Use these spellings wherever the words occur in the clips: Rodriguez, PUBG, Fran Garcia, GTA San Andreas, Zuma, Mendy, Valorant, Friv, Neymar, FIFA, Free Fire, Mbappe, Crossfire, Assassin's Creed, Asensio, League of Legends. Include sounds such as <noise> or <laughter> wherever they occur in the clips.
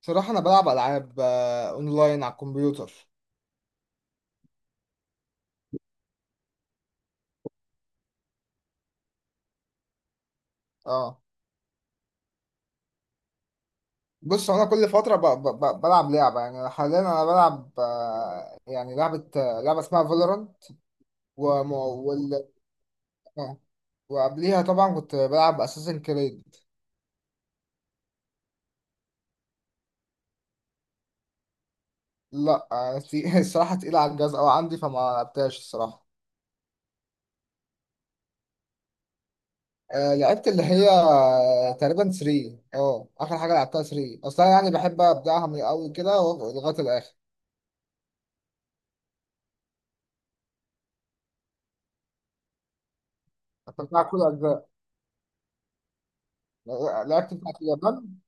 صراحة أنا بلعب ألعاب أونلاين على الكمبيوتر. أه بص، هو أنا كل فترة بلعب لعبة. يعني حاليا أنا بلعب يعني لعبة، لعبة اسمها فالورانت، وم... وال... آه، وقبليها طبعا كنت بلعب أساسن كريد. لا <laughs> الصراحة تقيلة على الجهاز أوي عندي، فما لعبتهاش الصراحة. لعبت اللي هي، تقريبا 3. اه آخر حاجة لعبتها 3 أصلا. يعني بحب أبدأها من الأول كده لغاية الآخر. لعبت بتاع كل أجزاء. لعبت بتاعت اليابان.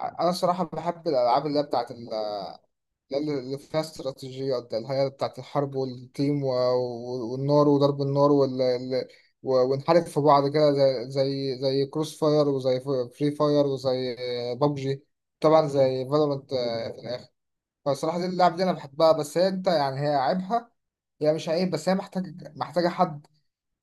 انا الصراحه بحب الالعاب اللي هي بتاعت اللي فيها استراتيجيات ده، اللي هي بتاعت الحرب والتيم والنار وضرب النار ونحارب في بعض، كده زي زي كروس فاير وزي فري فاير وزي بابجي، طبعا زي فالورانت في الاخر. فالصراحه دي اللعب دي انا بحبها، بس هي، انت يعني هي عيبها، هي مش عيب، بس هي محتاجه حد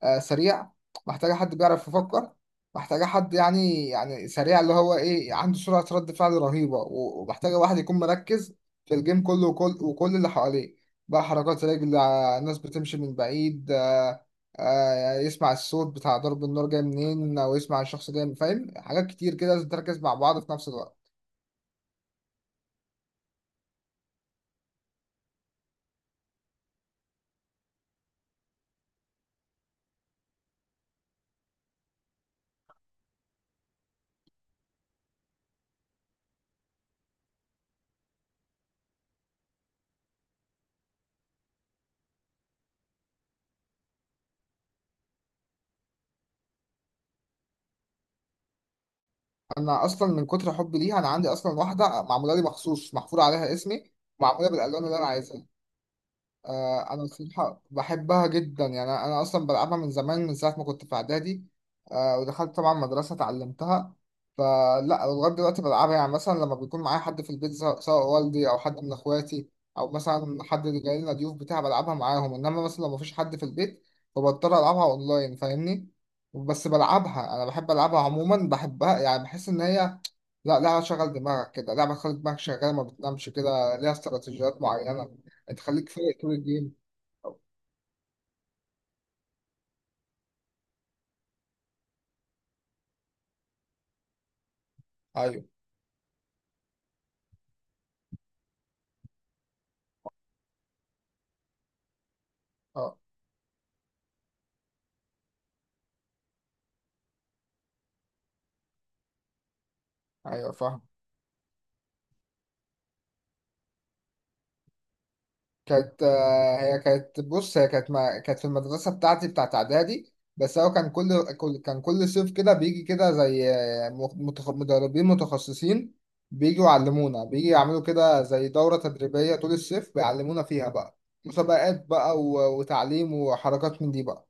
سريع، محتاجة حد بيعرف يفكر، محتاجة حد يعني، يعني سريع، اللي هو إيه، عنده سرعة رد فعل رهيبة، ومحتاجة واحد يكون مركز في الجيم كله، وكل اللي حواليه، بقى حركات رجل، ناس بتمشي من بعيد، يسمع الصوت بتاع ضرب النار جاي منين، أو يسمع الشخص جاي فاهم حاجات كتير كده لازم تركز مع بعض في نفس الوقت. أنا أصلا من كتر حبي ليها، أنا عندي أصلا واحدة معمولة لي مخصوص، محفور عليها اسمي، معمولة بالألوان اللي أنا عايزها. انا الصراحه بحبها جدا يعني. أنا اصلا بلعبها من زمان، من ساعه ما كنت في اعدادي. ودخلت طبعا مدرسه اتعلمتها. فلا لغايه دلوقتي بلعبها، يعني مثلا لما بيكون معايا حد في البيت، سواء والدي او حد من اخواتي، او مثلا حد اللي جاي لنا ضيوف بتاع، بلعبها معاهم. انما مثلا لو مفيش حد في البيت، فبضطر العبها اونلاين، فاهمني؟ بس بلعبها، انا بحب العبها عموما، بحبها، يعني بحس ان هي، لا، لعبه شغل دماغك كده، لعبه تخلي دماغك شغاله ما بتنامش، كده ليها استراتيجيات معينه، هتخليك فايق طول الجيم. أو- ايوه. اه، ايوه فاهم. كانت آه، هي كانت بص هي كانت ما كانت في المدرسه بتاعتي بتاعت اعدادي، بس هو كان كل، كان كل صيف كده بيجي كده زي، مدربين متخصصين بيجوا يعلمونا، بيجي يعملوا كده زي دوره تدريبيه طول الصيف، بيعلمونا فيها بقى مسابقات بقى وتعليم وحركات من دي بقى.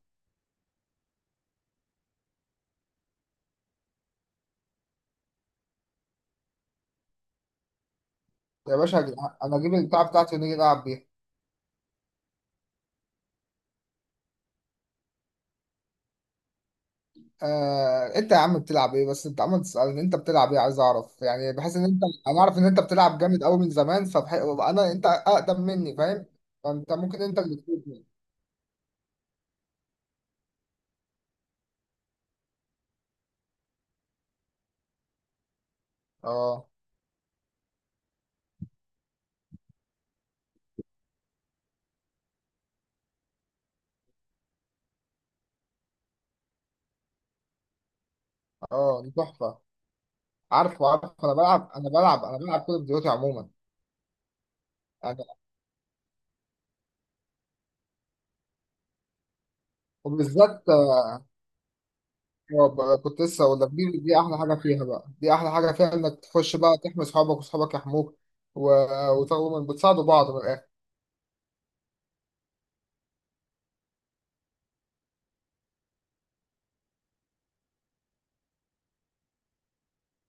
يا باشا، انا اجيب البتاع بتاعتي ونيجي نلعب بيها. انت يا عم بتلعب ايه؟ بس انت عمال تسألني انت بتلعب ايه، عايز اعرف. يعني بحس ان انت، اعرف ان انت بتلعب جامد قوي من زمان، فبح... انا انت اقدم مني، فاهم؟ فانت ممكن، انت اللي تفيدني. اه. اه دي تحفه. عارفه، انا بلعب، انا بلعب كل فيديوهاتي عموما. انا، وبالذات كنت لسه اقول لك، دي احلى حاجه فيها بقى، دي احلى حاجه فيها، انك تخش بقى تحمي اصحابك واصحابك يحموك، و... وتقوموا بتساعدوا بعض، من الاخر.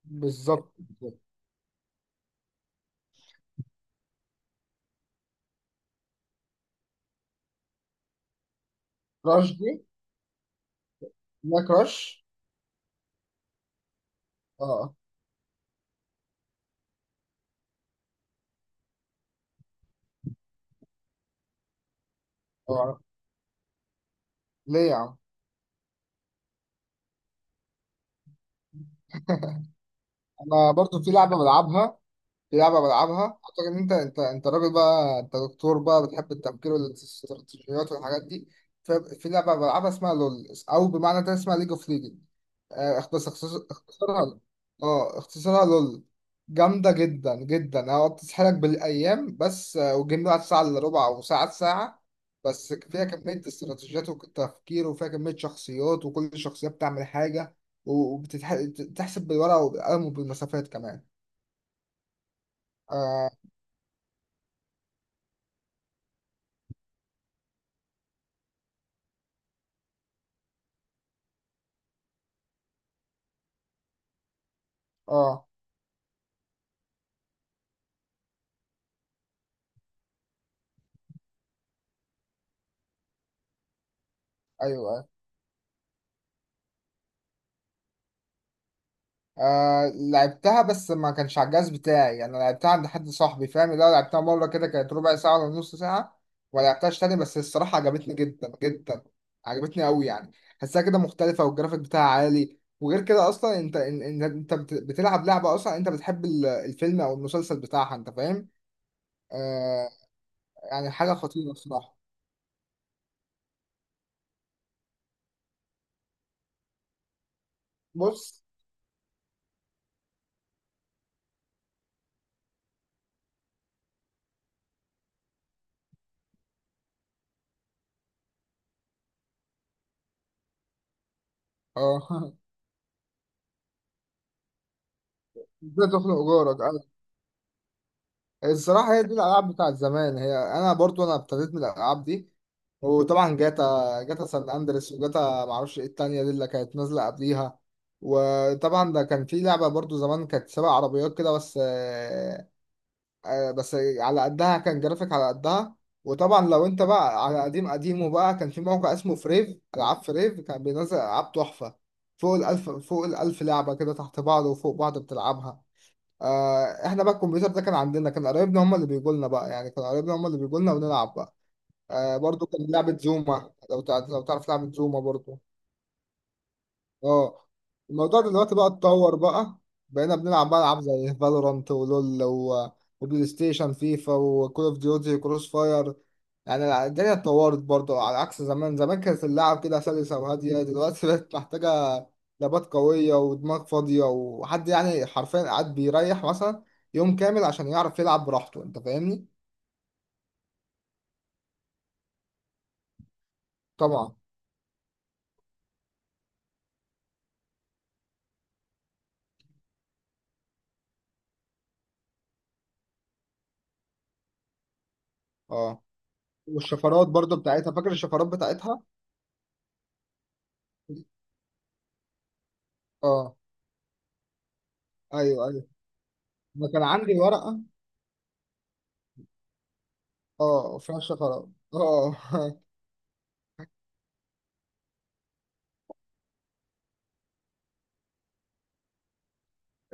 بالظبط بالظبط. كراش دي. لا، كراش. اه. اه ليه يا عم؟ انا برضو في لعبه بلعبها، في لعبة بلعبها، أعتقد إن أنت، أنت راجل بقى، أنت دكتور بقى، بتحب التفكير والاستراتيجيات والحاجات دي. في لعبة بلعبها اسمها لول، أو بمعنى تاني اسمها ليج أوف ليجند. بس اختصارها، اه اختصارها لول. جامدة جدا جدا، هو بتسحلك بالأيام، بس والجيم ده ساعة إلا ربع أو ساعة، بس فيها كمية استراتيجيات وتفكير، وفيها كمية شخصيات، وكل شخصية بتعمل حاجة، وبتحسب بالورقة وبالقلم وبالمسافات كمان. اه. آه. ايوه. آه لعبتها، بس ما كانش على الجهاز بتاعي، انا لعبتها عند حد صاحبي، فاهم؟ لو لعبتها مره كده، كانت ربع ساعه ولا نص ساعه، وما لعبتهاش تاني. بس الصراحه عجبتني جدا جدا، عجبتني قوي يعني. حسها كده مختلفه، والجرافيك بتاعها عالي، وغير كده اصلا انت بتلعب لعبه، اصلا انت بتحب الفيلم او المسلسل بتاعها، انت فاهم. آه، يعني حاجه خطيره الصراحه. بص، اه. <laughs> ازاي تخنق جارك. الصراحة هي دي الألعاب بتاعت زمان. هي أنا برضو أنا ابتديت من الألعاب دي. وطبعا جاتا سان أندريس، وجاتا معرفش إيه التانية دي اللي كانت نازلة قبليها. وطبعا ده كان في لعبة برضو زمان كانت سبع عربيات كده، بس بس على قدها، كان جرافيك على قدها. وطبعا لو أنت بقى على قديم قديمه بقى، كان في موقع اسمه فريف، ألعاب فريف، كان بينزل ألعاب تحفة، فوق الألف، فوق الألف لعبة كده، تحت بعض وفوق بعض، بتلعبها. آه احنا بقى الكمبيوتر ده كان عندنا، كان قرايبنا هم اللي بيجوا لنا بقى، يعني كان قرايبنا هم اللي بيجوا لنا ونلعب بقى. آه برضو كان لعبة زوما، لو لو تعرف لعبة زوما برضو. اه. الموضوع ده دلوقتي بقى اتطور بقى، بقينا بنلعب بقى العاب زي فالورانت ولول وبلاي ستيشن فيفا وكول اوف ديوتي كروس فاير. يعني الدنيا اتطورت برضه على عكس زمان. زمان كانت اللعب كده سلسة وهادية، دلوقتي بقت محتاجة لابات قوية ودماغ فاضية، وحد يعني حرفيا قاعد بيريح مثلا يوم كامل عشان يعرف يلعب براحته، انت فاهمني؟ طبعا. اه، والشفرات برضه بتاعتها، فاكر الشفرات بتاعتها؟ اه، ايوه ايوه، انا كان عندي ورقة، اه فيها شفرة، اه.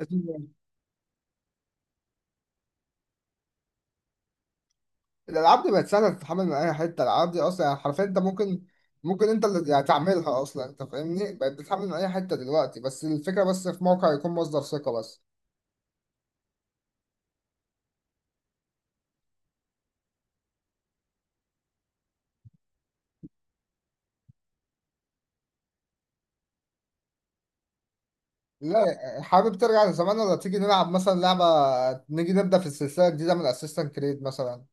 <laughs> إيه؟ الالعاب دي بقت سهله تتحمل من اي حته. الالعاب دي اصلا يعني حرفيا انت ممكن، انت اللي يعني تعملها اصلا، انت فاهمني، بقت بتتحمل من اي حته دلوقتي، بس الفكره بس في موقع يكون مصدر ثقه بس. لا، حابب ترجع لزمان ولا تيجي نلعب مثلا لعبه، نيجي نبدا في السلسله الجديده من اسيستنت كريد مثلا؟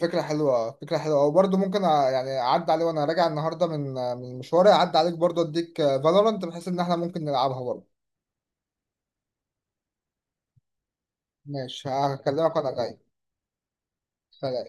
فكره حلوه، فكره حلوه. وبرضه ممكن يعني اعدي عليه وانا راجع النهارده من مشواري، اعدي عليك برضه اديك فالورانت، بحيث ان احنا ممكن نلعبها برضه. ماشي، هكلمك وانا جاي. سلام.